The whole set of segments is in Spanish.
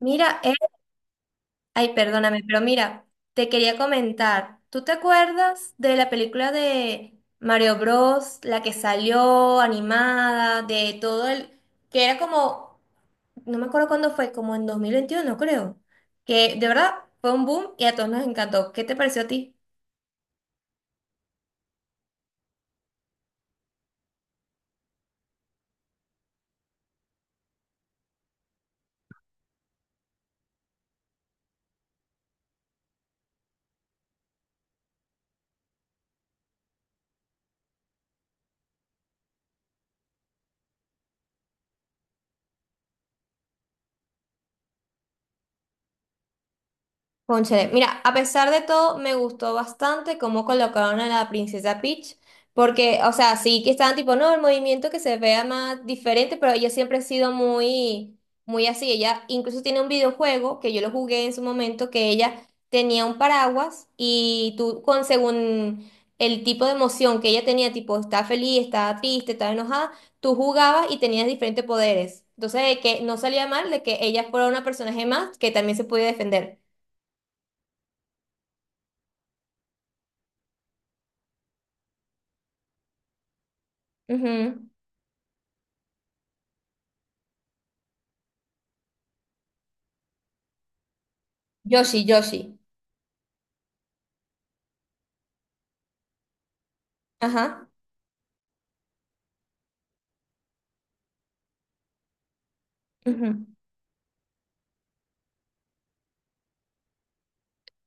Mira, ay, perdóname, pero mira, te quería comentar, ¿tú te acuerdas de la película de Mario Bros, la que salió animada, de todo el, que era como, no me acuerdo cuándo fue, como en 2021, creo, que de verdad fue un boom y a todos nos encantó. ¿Qué te pareció a ti? Cónchale, mira, a pesar de todo, me gustó bastante cómo colocaron a la princesa Peach, porque, o sea, sí que estaban tipo, no, el movimiento que se vea más diferente, pero ella siempre ha sido muy, muy así. Ella incluso tiene un videojuego que yo lo jugué en su momento, que ella tenía un paraguas y tú, con según el tipo de emoción que ella tenía, tipo, está feliz, está triste, está enojada, tú jugabas y tenías diferentes poderes. Entonces, que no salía mal de que ella fuera una personaje más que también se podía defender. Ujú. Yo sí, yo sí. Ajá. Ujú.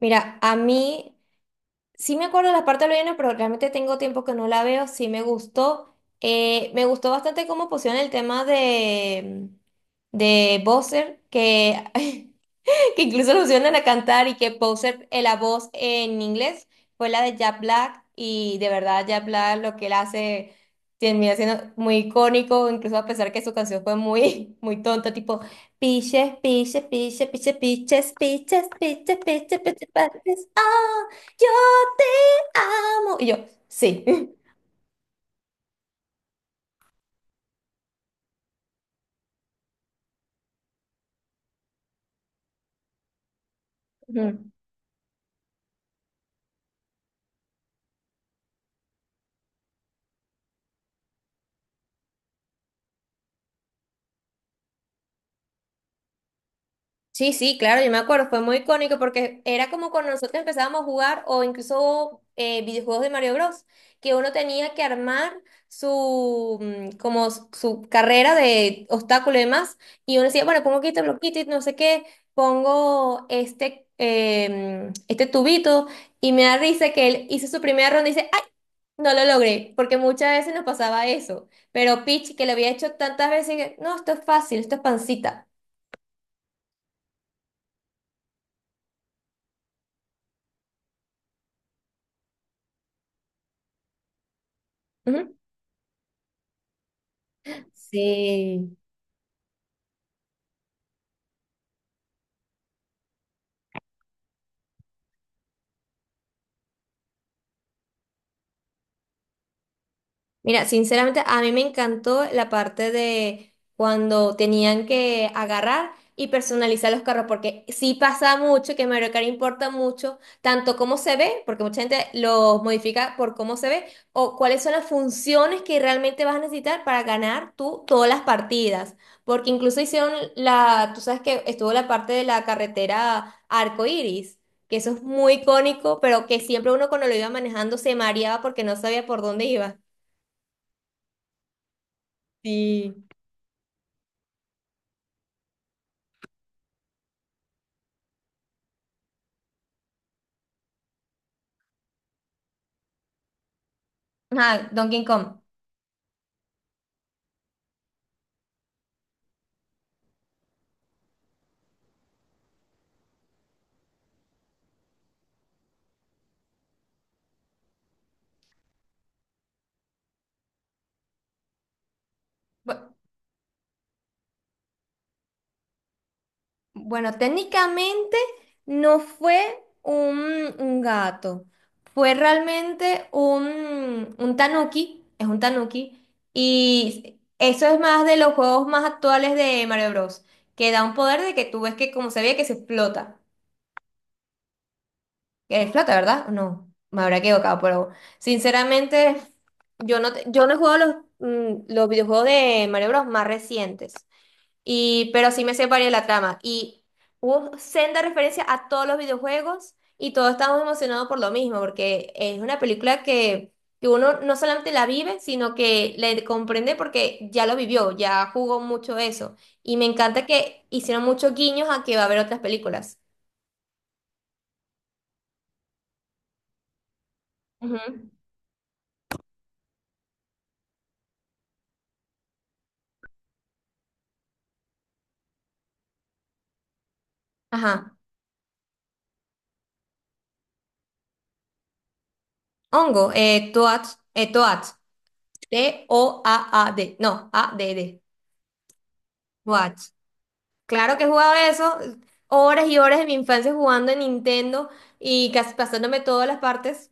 Mira, a mí sí me acuerdo de las partes del pero realmente tengo tiempo que no la veo. Sí me gustó. Me gustó bastante cómo pusieron el tema de Bowser, que que incluso lo pusieron a cantar y que Poser, la voz en inglés fue la de Jack Black y de verdad Jack Black lo que él hace termina siendo muy icónico, incluso a pesar que su canción fue muy, muy tonta, tipo piches, piches, piches, piches, piches, piches, piches, piches, piches, piches, ah, yo te amo. Y yo, sí. Sí, sí, claro, yo me acuerdo, fue muy icónico porque era como cuando nosotros empezábamos a jugar o incluso videojuegos de Mario Bros, que uno tenía que armar su, como su carrera de obstáculos y demás, y uno decía, bueno, pongo quito bloquito y no sé qué, pongo este, este tubito, y me da risa que él hizo su primera ronda y dice, ¡ay! No lo logré, porque muchas veces nos pasaba eso, pero Peach, que lo había hecho tantas veces, que, no, esto es fácil, esto es pancita. Ujú. Sí. Mira, sinceramente, a mí me encantó la parte de cuando tenían que agarrar y personalizar los carros, porque sí pasa mucho que Mario Kart importa mucho, tanto cómo se ve, porque mucha gente los modifica por cómo se ve, o cuáles son las funciones que realmente vas a necesitar para ganar tú todas las partidas. Porque incluso hicieron la, tú sabes que estuvo la parte de la carretera arcoíris que eso es muy icónico, pero que siempre uno cuando lo iba manejando se mareaba porque no sabía por dónde iba. Sí. Ajá, Donkey Kong. Bu- Bueno, técnicamente no fue un gato, fue realmente un tanuki, es un tanuki, y eso es más de los juegos más actuales de Mario Bros, que da un poder de que tú ves que como se ve que se explota, que explota, ¿verdad? No, me habrá equivocado, pero sinceramente yo no he jugado los videojuegos de Mario Bros más recientes. Y, pero sí me separé de la trama. Y hubo senda referencia a todos los videojuegos y todos estábamos emocionados por lo mismo, porque es una película que uno no solamente la vive, sino que le comprende porque ya lo vivió, ya jugó mucho eso. Y me encanta que hicieron muchos guiños a que va a haber otras películas. Ujú. Ajá. Hongo, Toad, Toad, T-O-A-A-D, no, A-D-D, Toad. Claro que he jugado eso, horas y horas de mi infancia jugando en Nintendo y casi pasándome todas las partes.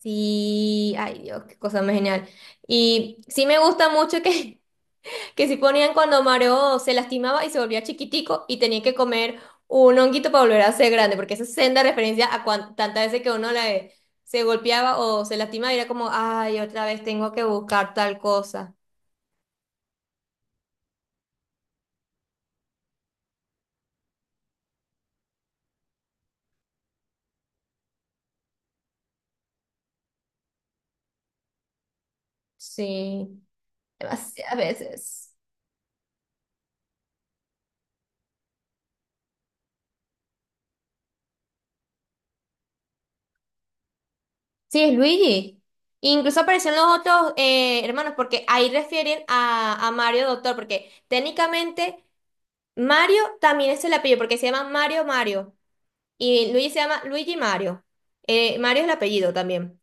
Sí, ay Dios, qué cosa más genial. Y sí me gusta mucho que, que sí ponían cuando Mario se lastimaba y se volvía chiquitico y tenía que comer un honguito para volver a ser grande, porque esa es senda referencia a tantas veces que uno la, se golpeaba o se lastimaba y era como, ay, otra vez tengo que buscar tal cosa. Sí, demasiadas veces. Sí, es Luigi. Incluso aparecen los otros hermanos, porque ahí refieren a Mario Doctor, porque técnicamente Mario también es el apellido, porque se llama Mario Mario. Y Luigi se llama Luigi Mario. Mario es el apellido también.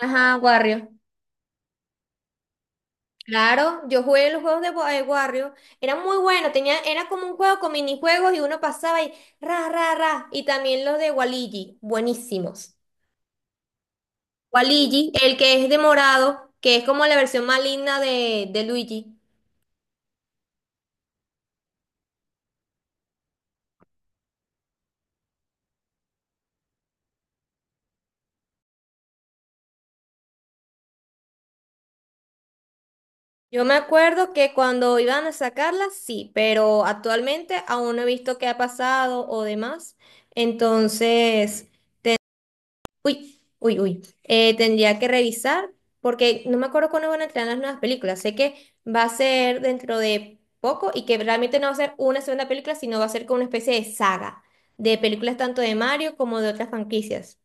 Ajá, Wario. Claro, yo jugué los juegos de Wario, era muy bueno, tenía, era como un juego con minijuegos y uno pasaba y ra, ra, ra, y también los de Waluigi, buenísimos. Waluigi, el que es de morado, que es como la versión maligna de Luigi. Yo me acuerdo que cuando iban a sacarla, sí, pero actualmente aún no he visto qué ha pasado o demás. Entonces, uy, uy, uy, tendría que revisar porque no me acuerdo cuándo van a entrar las nuevas películas. Sé que va a ser dentro de poco y que realmente no va a ser una segunda película, sino va a ser como una especie de saga de películas tanto de Mario como de otras franquicias.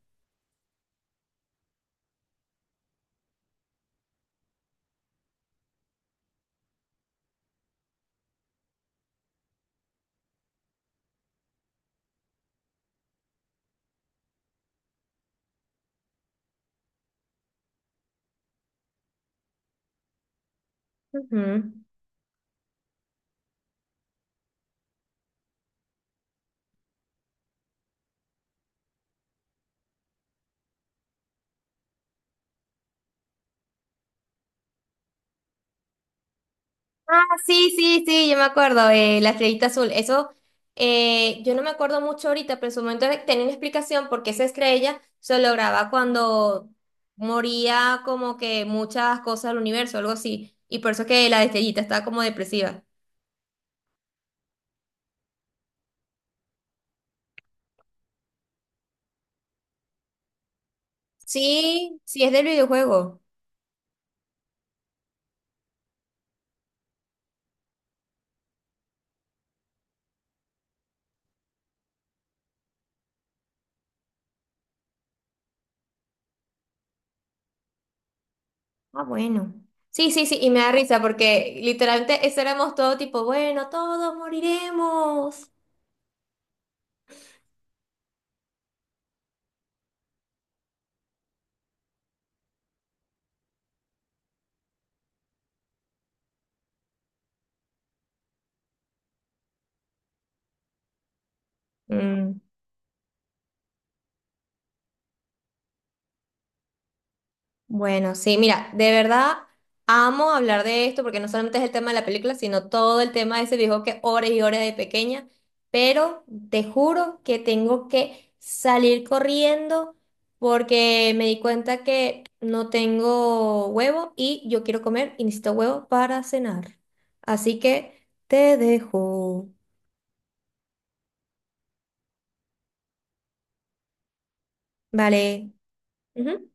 Ujú. Ah, sí, sí, sí, yo me acuerdo, la estrellita azul. Eso, yo no me acuerdo mucho ahorita, pero en su momento tenía una explicación porque esa estrella se lograba cuando moría como que muchas cosas del universo, algo así. Y por eso que la estrellita estaba como depresiva. Sí, sí, es del videojuego. Ah, bueno. Sí, sí, sí, y me da risa porque literalmente eso éramos todo tipo, bueno, todos moriremos. Mm. Bueno, sí, mira, de verdad amo hablar de esto porque no solamente es el tema de la película, sino todo el tema de ese viejo que horas y horas de pequeña, pero te juro que tengo que salir corriendo porque me di cuenta que no tengo huevo y yo quiero comer y necesito huevo para cenar. Así que te dejo. Vale. Ujú.